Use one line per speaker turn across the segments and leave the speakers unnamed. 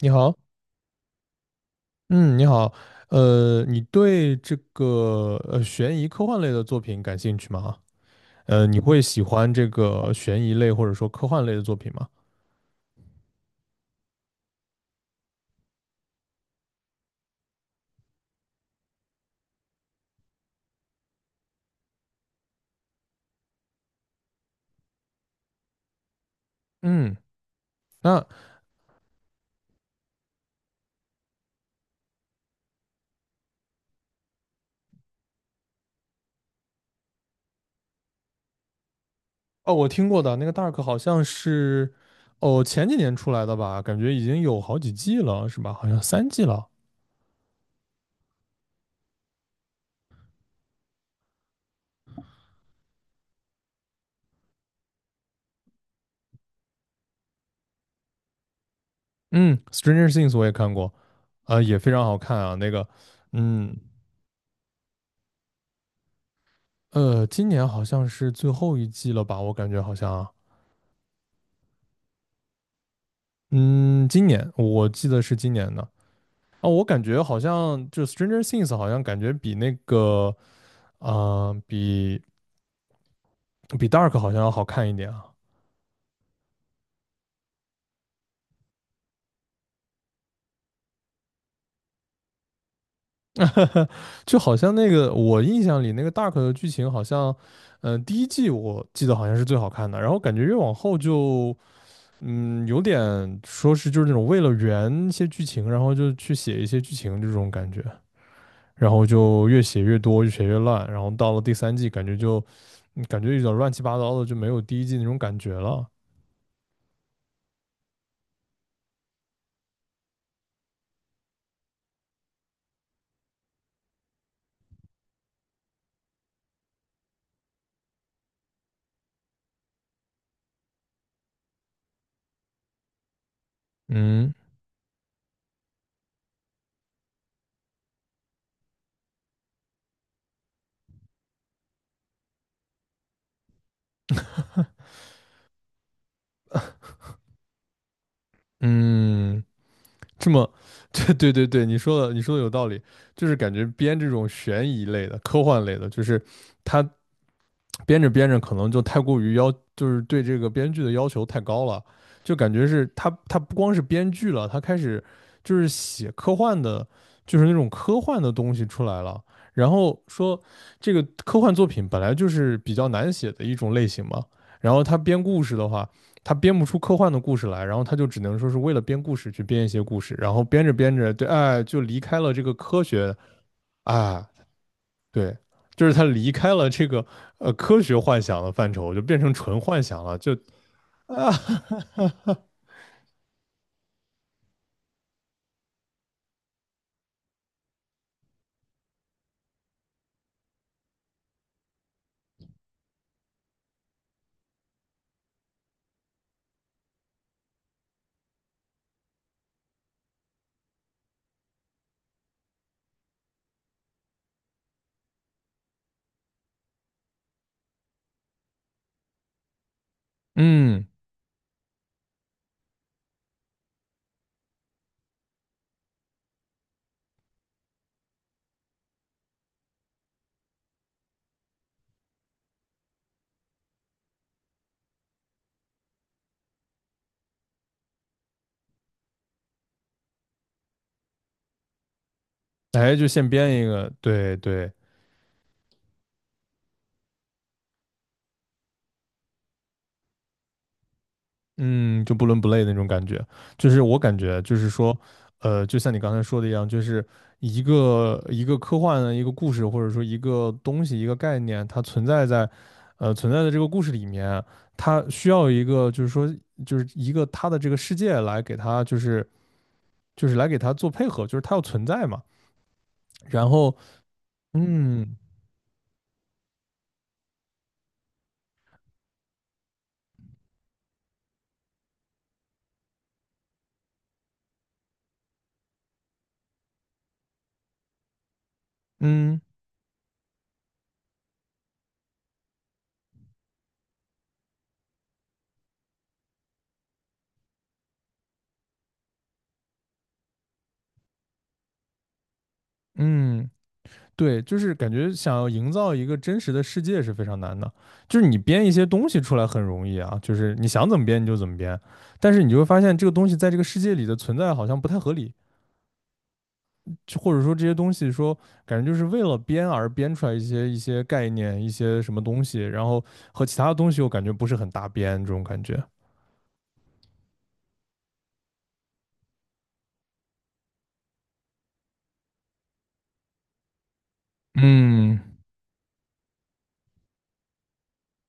你好，嗯，你好，你对这个悬疑科幻类的作品感兴趣吗？你会喜欢这个悬疑类或者说科幻类的作品吗？嗯，那哦，我听过的那个 Dark 好像是哦前几年出来的吧，感觉已经有好几季了，是吧？好像三季了。嗯，Stranger Things 我也看过，也非常好看啊。那个，嗯，今年好像是最后一季了吧？我感觉好像啊。嗯，今年我记得是今年的啊，我感觉好像就 Stranger Things 好像感觉比那个啊、呃比比 Dark 好像要好看一点啊，就好像那个我印象里那个 Dark 的剧情好像，第一季我记得好像是最好看的，然后感觉越往后就有点说是就是那种为了圆一些剧情，然后就去写一些剧情这种感觉，然后就越写越多，越写越烂，然后到了第三季，感觉有点乱七八糟的，就没有第一季那种感觉了。嗯嗯，这么 对对对，你说的有道理，就是感觉编这种悬疑类的、科幻类的，就是它编着编着可能就太过于要，就是对这个编剧的要求太高了，就感觉是他不光是编剧了，他开始就是写科幻的，就是那种科幻的东西出来了。然后说这个科幻作品本来就是比较难写的一种类型嘛，然后他编故事的话，他编不出科幻的故事来，然后他就只能说是为了编故事去编一些故事，然后编着编着，对，哎，就离开了这个科学啊，对，就是他离开了这个科学幻想的范畴，就变成纯幻想了，就嗯，哎，就现编一个，对对，嗯，就不伦不类的那种感觉。就是我感觉，就是说，就像你刚才说的一样，就是一个科幻的一个故事，或者说一个东西、一个概念，它存在的这个故事里面，它需要一个就是说就是一个它的这个世界来给它就是来给它做配合，就是它要存在嘛。然后嗯嗯嗯，对，就是感觉想要营造一个真实的世界是非常难的，就是你编一些东西出来很容易啊，就是你想怎么编你就怎么编，但是你就会发现这个东西在这个世界里的存在好像不太合理，就或者说这些东西说感觉就是为了编而编出来一些概念一些什么东西，然后和其他的东西又感觉不是很搭边这种感觉。嗯。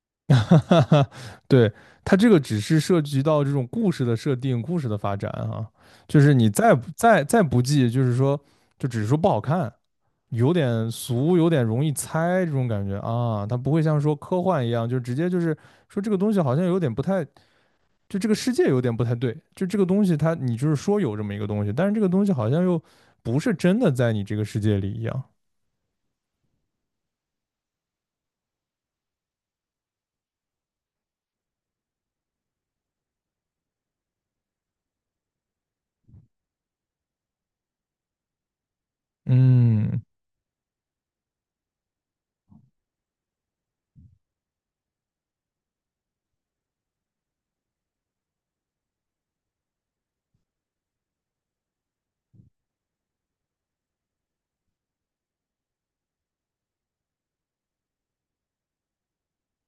哈哈哈，对，它这个只是涉及到这种故事的设定、故事的发展啊，就是你再不济，就是说，就只是说不好看，有点俗，有点容易猜这种感觉啊。它不会像说科幻一样，就直接就是说这个东西好像有点不太，就这个世界有点不太对，就这个东西它你就是说有这么一个东西，但是这个东西好像又不是真的在你这个世界里一样。嗯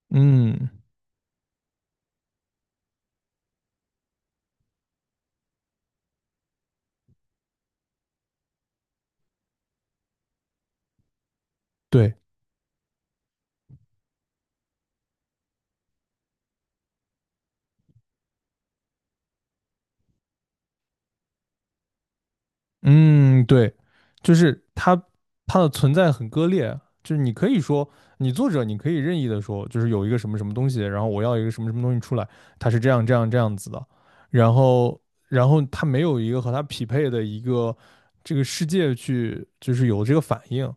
嗯，对。嗯，对，就是它的存在很割裂，就是你可以说，你作者你可以任意的说，就是有一个什么什么东西，然后我要一个什么什么东西出来，它是这样这样这样子的，然后然后它没有一个和它匹配的一个这个世界去，就是有这个反应，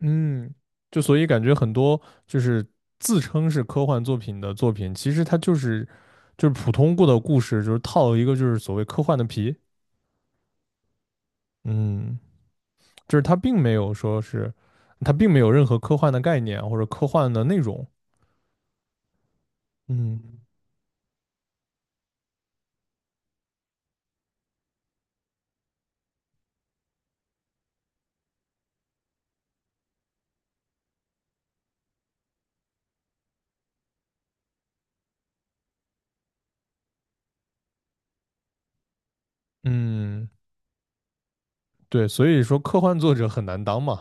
嗯，就所以感觉很多就是自称是科幻作品的作品，其实它就是普通过的故事，就是套一个就是所谓科幻的皮，嗯。就是它并没有任何科幻的概念或者科幻的内容。嗯嗯，对，所以说科幻作者很难当嘛，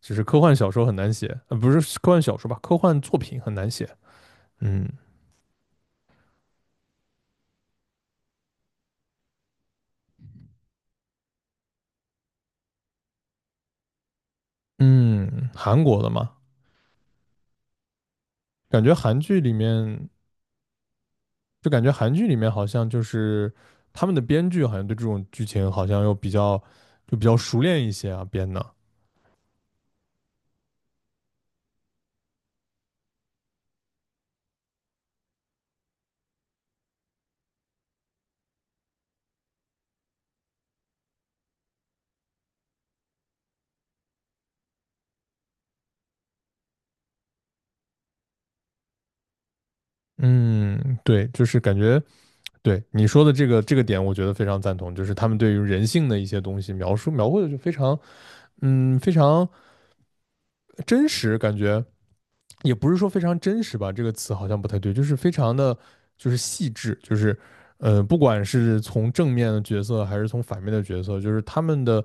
只是科幻小说很难写，不是科幻小说吧，科幻作品很难写。嗯嗯，韩国的嘛，感觉韩剧里面感觉韩剧里面好像就是他们的编剧好像对这种剧情好像又比较熟练一些啊编的。嗯，对，就是感觉对你说的这个点，我觉得非常赞同，就是他们对于人性的一些东西描述描绘的就非常，嗯，非常真实，感觉也不是说非常真实吧，这个词好像不太对，就是非常的，就是细致，就是，不管是从正面的角色还是从反面的角色，就是他们的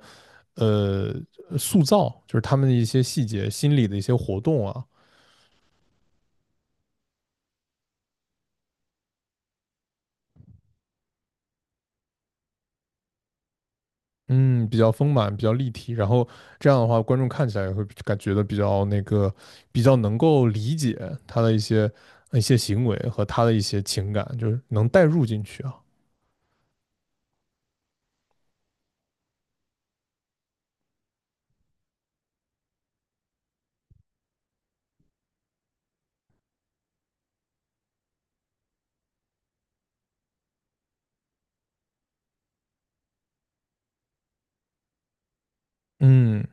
呃塑造，就是他们的一些细节、心理的一些活动啊，嗯，比较丰满，比较立体，然后这样的话，观众看起来也会感觉的比较那个，比较能够理解他的一些行为和他的一些情感，就是能带入进去啊。嗯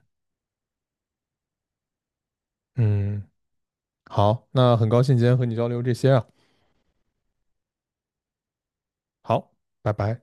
嗯，好，那很高兴今天和你交流这些啊。好，拜拜。